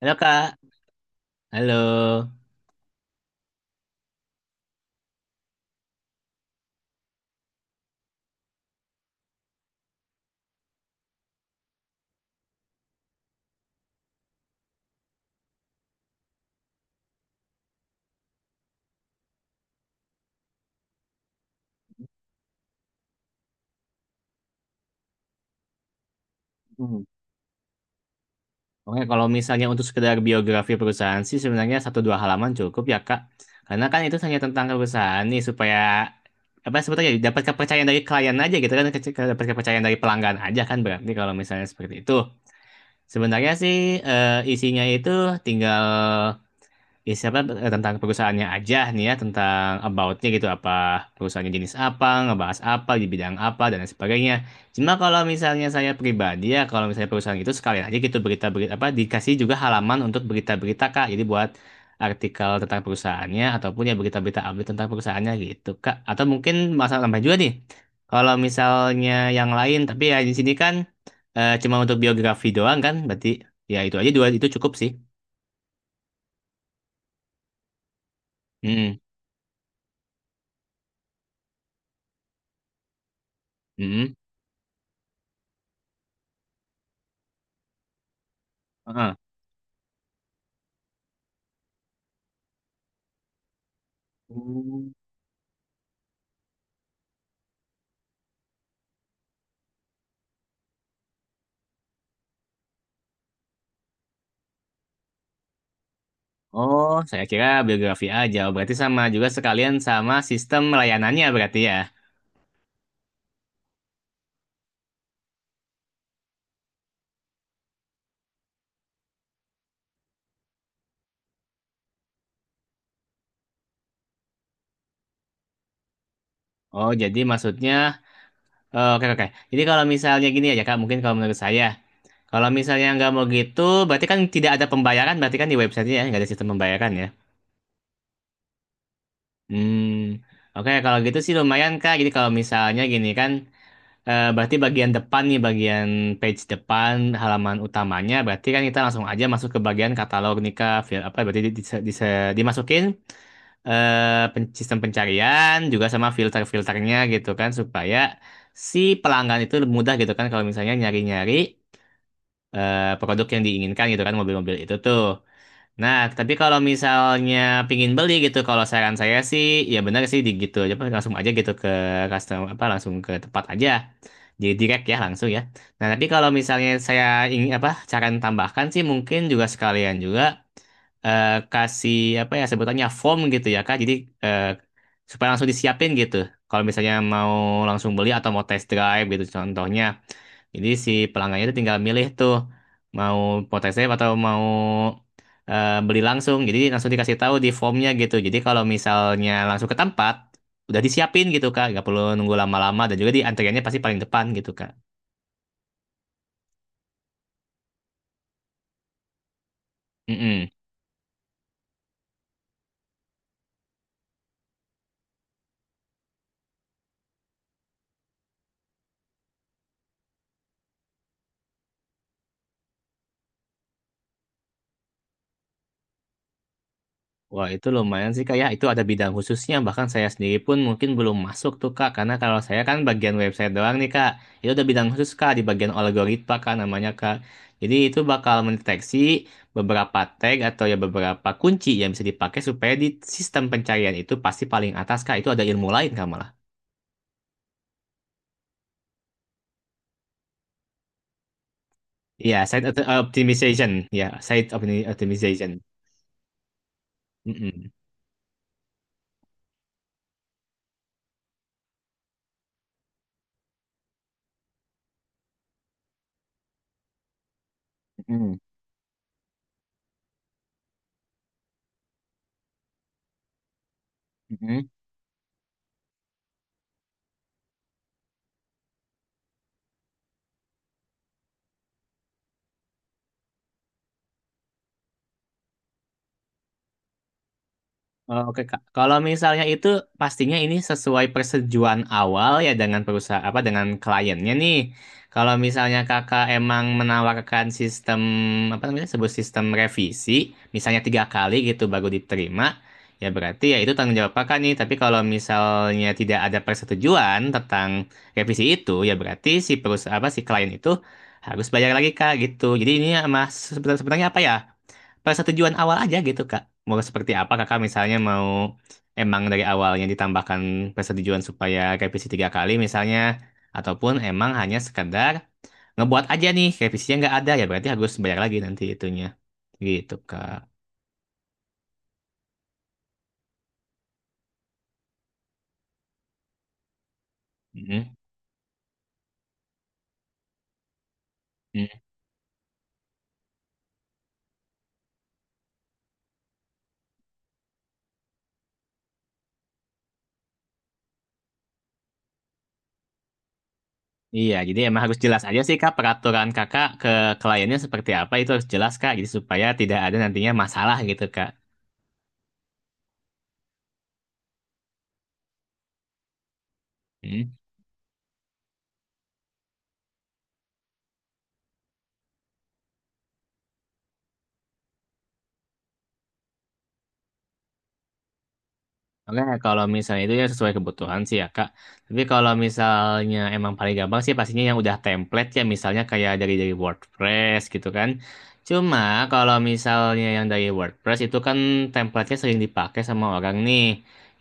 Halo Kak, halo. Hmm. Oke, kalau misalnya untuk sekedar biografi perusahaan sih sebenarnya satu dua halaman cukup ya Kak. Karena kan itu hanya tentang perusahaan nih supaya apa sebetulnya dapat kepercayaan dari klien aja gitu kan, dapat kepercayaan dari pelanggan aja kan berarti kalau misalnya seperti itu. Sebenarnya sih isinya itu tinggal ya siapa tentang perusahaannya aja nih ya tentang aboutnya gitu apa perusahaannya jenis apa ngebahas apa di bidang apa dan lain sebagainya cuma kalau misalnya saya pribadi ya kalau misalnya perusahaan itu sekalian aja gitu berita-berita apa dikasih juga halaman untuk berita-berita Kak, jadi buat artikel tentang perusahaannya ataupun ya berita-berita update tentang perusahaannya gitu Kak, atau mungkin masalah tambah juga nih kalau misalnya yang lain tapi ya di sini kan cuma untuk biografi doang kan berarti ya itu aja dua itu cukup sih. Mm -mm. Hmm. Oh, saya kira biografi aja. Oh, berarti sama juga sekalian sama sistem layanannya berarti ya. Oh, jadi maksudnya, oh, oke oke. Jadi kalau misalnya gini aja Kak, mungkin kalau menurut saya, kalau misalnya nggak mau gitu, berarti kan tidak ada pembayaran, berarti kan di websitenya ya, nggak ada sistem pembayaran ya. Hmm, oke kalau gitu sih lumayan Kak. Jadi kalau misalnya gini kan, berarti bagian depan nih, bagian page depan halaman utamanya, berarti kan kita langsung aja masuk ke bagian katalog nih Kak. Apa berarti dimasukin. Eh, pen- sistem pencarian juga sama filter-filternya gitu kan supaya si pelanggan itu mudah gitu kan kalau misalnya nyari-nyari produk yang diinginkan gitu kan mobil-mobil itu tuh. Nah, tapi kalau misalnya pingin beli gitu, kalau saran saya sih ya benar sih di gitu aja apa, langsung aja gitu ke customer apa langsung ke tempat aja. Jadi direct ya langsung ya. Nah, tapi kalau misalnya saya ingin apa cara tambahkan sih mungkin juga sekalian juga eh, kasih apa ya sebutannya form gitu ya Kak. Jadi eh, supaya langsung disiapin gitu. Kalau misalnya mau langsung beli atau mau test drive gitu contohnya. Jadi si pelanggannya itu tinggal milih tuh mau mau test drive atau mau beli langsung. Jadi langsung dikasih tahu di formnya gitu. Jadi kalau misalnya langsung ke tempat udah disiapin gitu Kak, nggak perlu nunggu lama-lama dan juga di antriannya pasti paling depan gitu Kak. Mm-mm. Wah, itu lumayan sih, Kak. Ya, itu ada bidang khususnya. Bahkan saya sendiri pun mungkin belum masuk tuh, Kak. Karena kalau saya kan bagian website doang nih, Kak. Itu ada bidang khusus, Kak, di bagian algoritma, Kak, namanya, Kak. Jadi itu bakal mendeteksi beberapa tag atau ya beberapa kunci yang bisa dipakai supaya di sistem pencarian itu pasti paling atas, Kak. Itu ada ilmu lain, Kak, malah. Iya, site optimization. Ya, site optimization. Mm-mm. Mm-mm. Mm-mm. Oh, oke, Kak. Kalau misalnya itu pastinya ini sesuai persetujuan awal ya dengan perusahaan apa dengan kliennya nih. Kalau misalnya Kakak emang menawarkan sistem apa namanya sebut sistem revisi, misalnya 3 kali gitu baru diterima, ya berarti ya itu tanggung jawab Kakak nih. Tapi kalau misalnya tidak ada persetujuan tentang revisi itu, ya berarti si perusahaan apa si klien itu harus bayar lagi Kak gitu. Jadi ini ya, Mas sebenarnya sebenarnya apa ya? Pada tujuan awal aja gitu Kak. Mau seperti apa Kakak misalnya mau emang dari awalnya ditambahkan persetujuan supaya revisi 3 kali misalnya ataupun emang hanya sekedar ngebuat aja nih revisinya nggak ada ya berarti harus bayar lagi nanti itunya gitu Kak. Mm-mm. Mm. Iya, jadi emang harus jelas aja sih Kak, peraturan Kakak ke kliennya seperti apa itu harus jelas Kak, jadi supaya tidak ada nantinya masalah gitu Kak. Hmm. Oke, kalau misalnya itu ya sesuai kebutuhan sih ya Kak. Tapi kalau misalnya emang paling gampang sih pastinya yang udah template ya misalnya kayak dari WordPress gitu kan. Cuma kalau misalnya yang dari WordPress itu kan template-nya sering dipakai sama orang nih.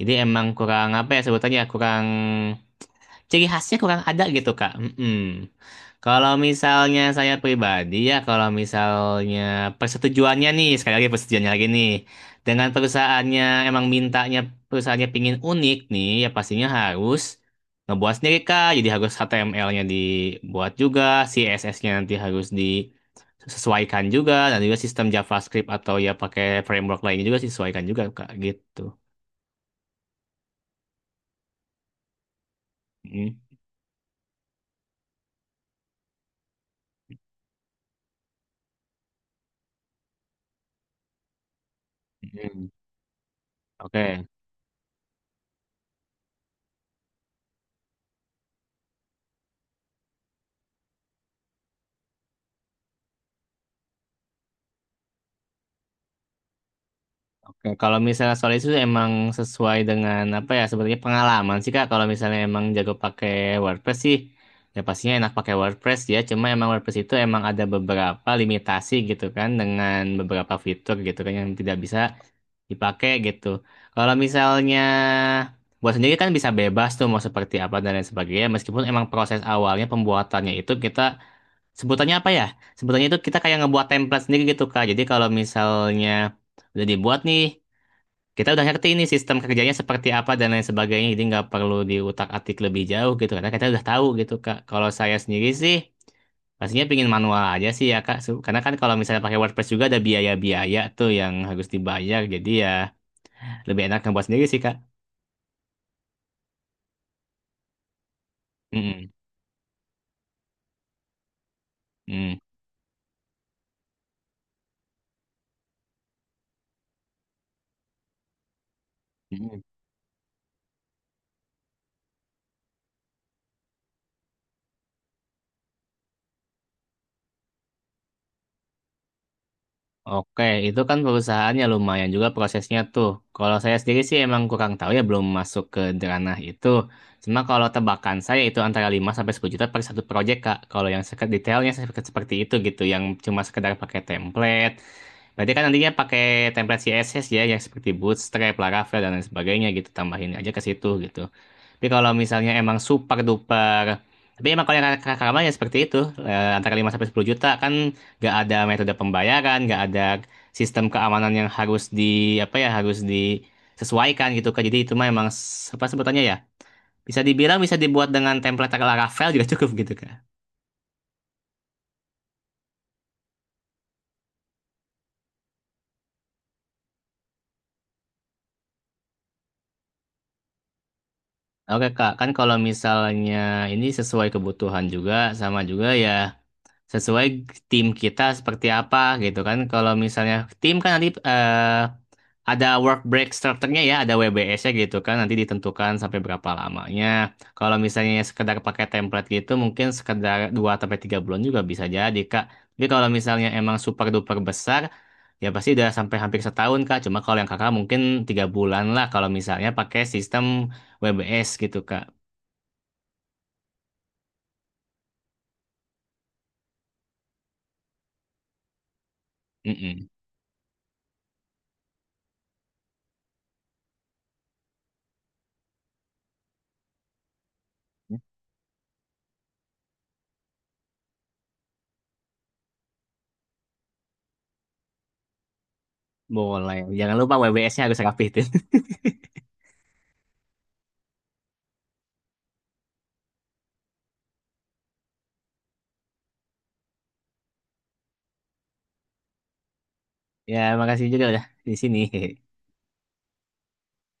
Jadi emang kurang apa ya sebutannya kurang ciri khasnya kurang ada gitu Kak. Mm-mm. Kalau misalnya saya pribadi ya, kalau misalnya persetujuannya nih, sekali lagi persetujuannya lagi nih, dengan perusahaannya emang mintanya perusahaannya pingin unik nih, ya pastinya harus ngebuat sendiri Kak. Jadi harus HTML-nya dibuat juga, CSS-nya nanti harus disesuaikan juga, dan juga sistem JavaScript atau ya pakai framework lainnya juga disesuaikan juga Kak, gitu. Mm, mm. Oke. Oke, kalau misalnya soal itu emang sesuai dengan apa ya sebenarnya pengalaman sih Kak. Kalau misalnya emang jago pakai WordPress sih, ya pastinya enak pakai WordPress ya. Cuma emang WordPress itu emang ada beberapa limitasi gitu kan dengan beberapa fitur gitu kan yang tidak bisa dipakai gitu. Kalau misalnya buat sendiri kan bisa bebas tuh mau seperti apa dan lain sebagainya. Meskipun emang proses awalnya pembuatannya itu kita sebutannya apa ya? Sebutannya itu kita kayak ngebuat template sendiri gitu Kak. Jadi kalau misalnya udah dibuat nih kita udah ngerti ini sistem kerjanya seperti apa dan lain sebagainya jadi nggak perlu diutak-atik lebih jauh gitu karena kita udah tahu gitu Kak. Kalau saya sendiri sih pastinya pingin manual aja sih ya Kak, karena kan kalau misalnya pakai WordPress juga ada biaya-biaya tuh yang harus dibayar jadi ya lebih enak ngebuat sendiri sih Kak. Mm-mm. Mm. Mm. Oke, itu kan perusahaannya lumayan juga prosesnya tuh. Kalau saya sendiri sih emang kurang tahu ya, belum masuk ke ranah itu. Cuma kalau tebakan saya itu antara 5 sampai 10 juta per satu project, Kak. Kalau yang detailnya seperti itu gitu, yang cuma sekedar pakai template. Berarti kan nantinya pakai template CSS ya, yang seperti Bootstrap, Laravel, dan lain sebagainya gitu. Tambahin aja ke situ gitu. Tapi kalau misalnya emang super duper, tapi emang kalau yang karma ya seperti itu, antara 5 sampai 10 juta kan nggak ada metode pembayaran, nggak ada sistem keamanan yang harus di apa ya harus disesuaikan gitu kan. Jadi itu mah emang apa sebutannya ya? Bisa dibilang bisa dibuat dengan template Laravel juga cukup gitu kan. Oke Kak, kan kalau misalnya ini sesuai kebutuhan juga sama juga ya sesuai tim kita seperti apa gitu kan. Kalau misalnya tim kan nanti ada work break strukturnya ya, ada WBS-nya gitu kan. Nanti ditentukan sampai berapa lamanya. Kalau misalnya sekedar pakai template gitu mungkin sekedar 2 sampai 3 bulan juga bisa jadi, Kak. Tapi kalau misalnya emang super duper besar ya pasti udah sampai hampir setahun, Kak. Cuma kalau yang Kakak mungkin 3 bulan lah kalau misalnya pakai sistem WBS gitu, Kak. Mm-mm. Boleh. Jangan lupa WBS-nya harus rapihin. Ya, makasih juga udah di sini.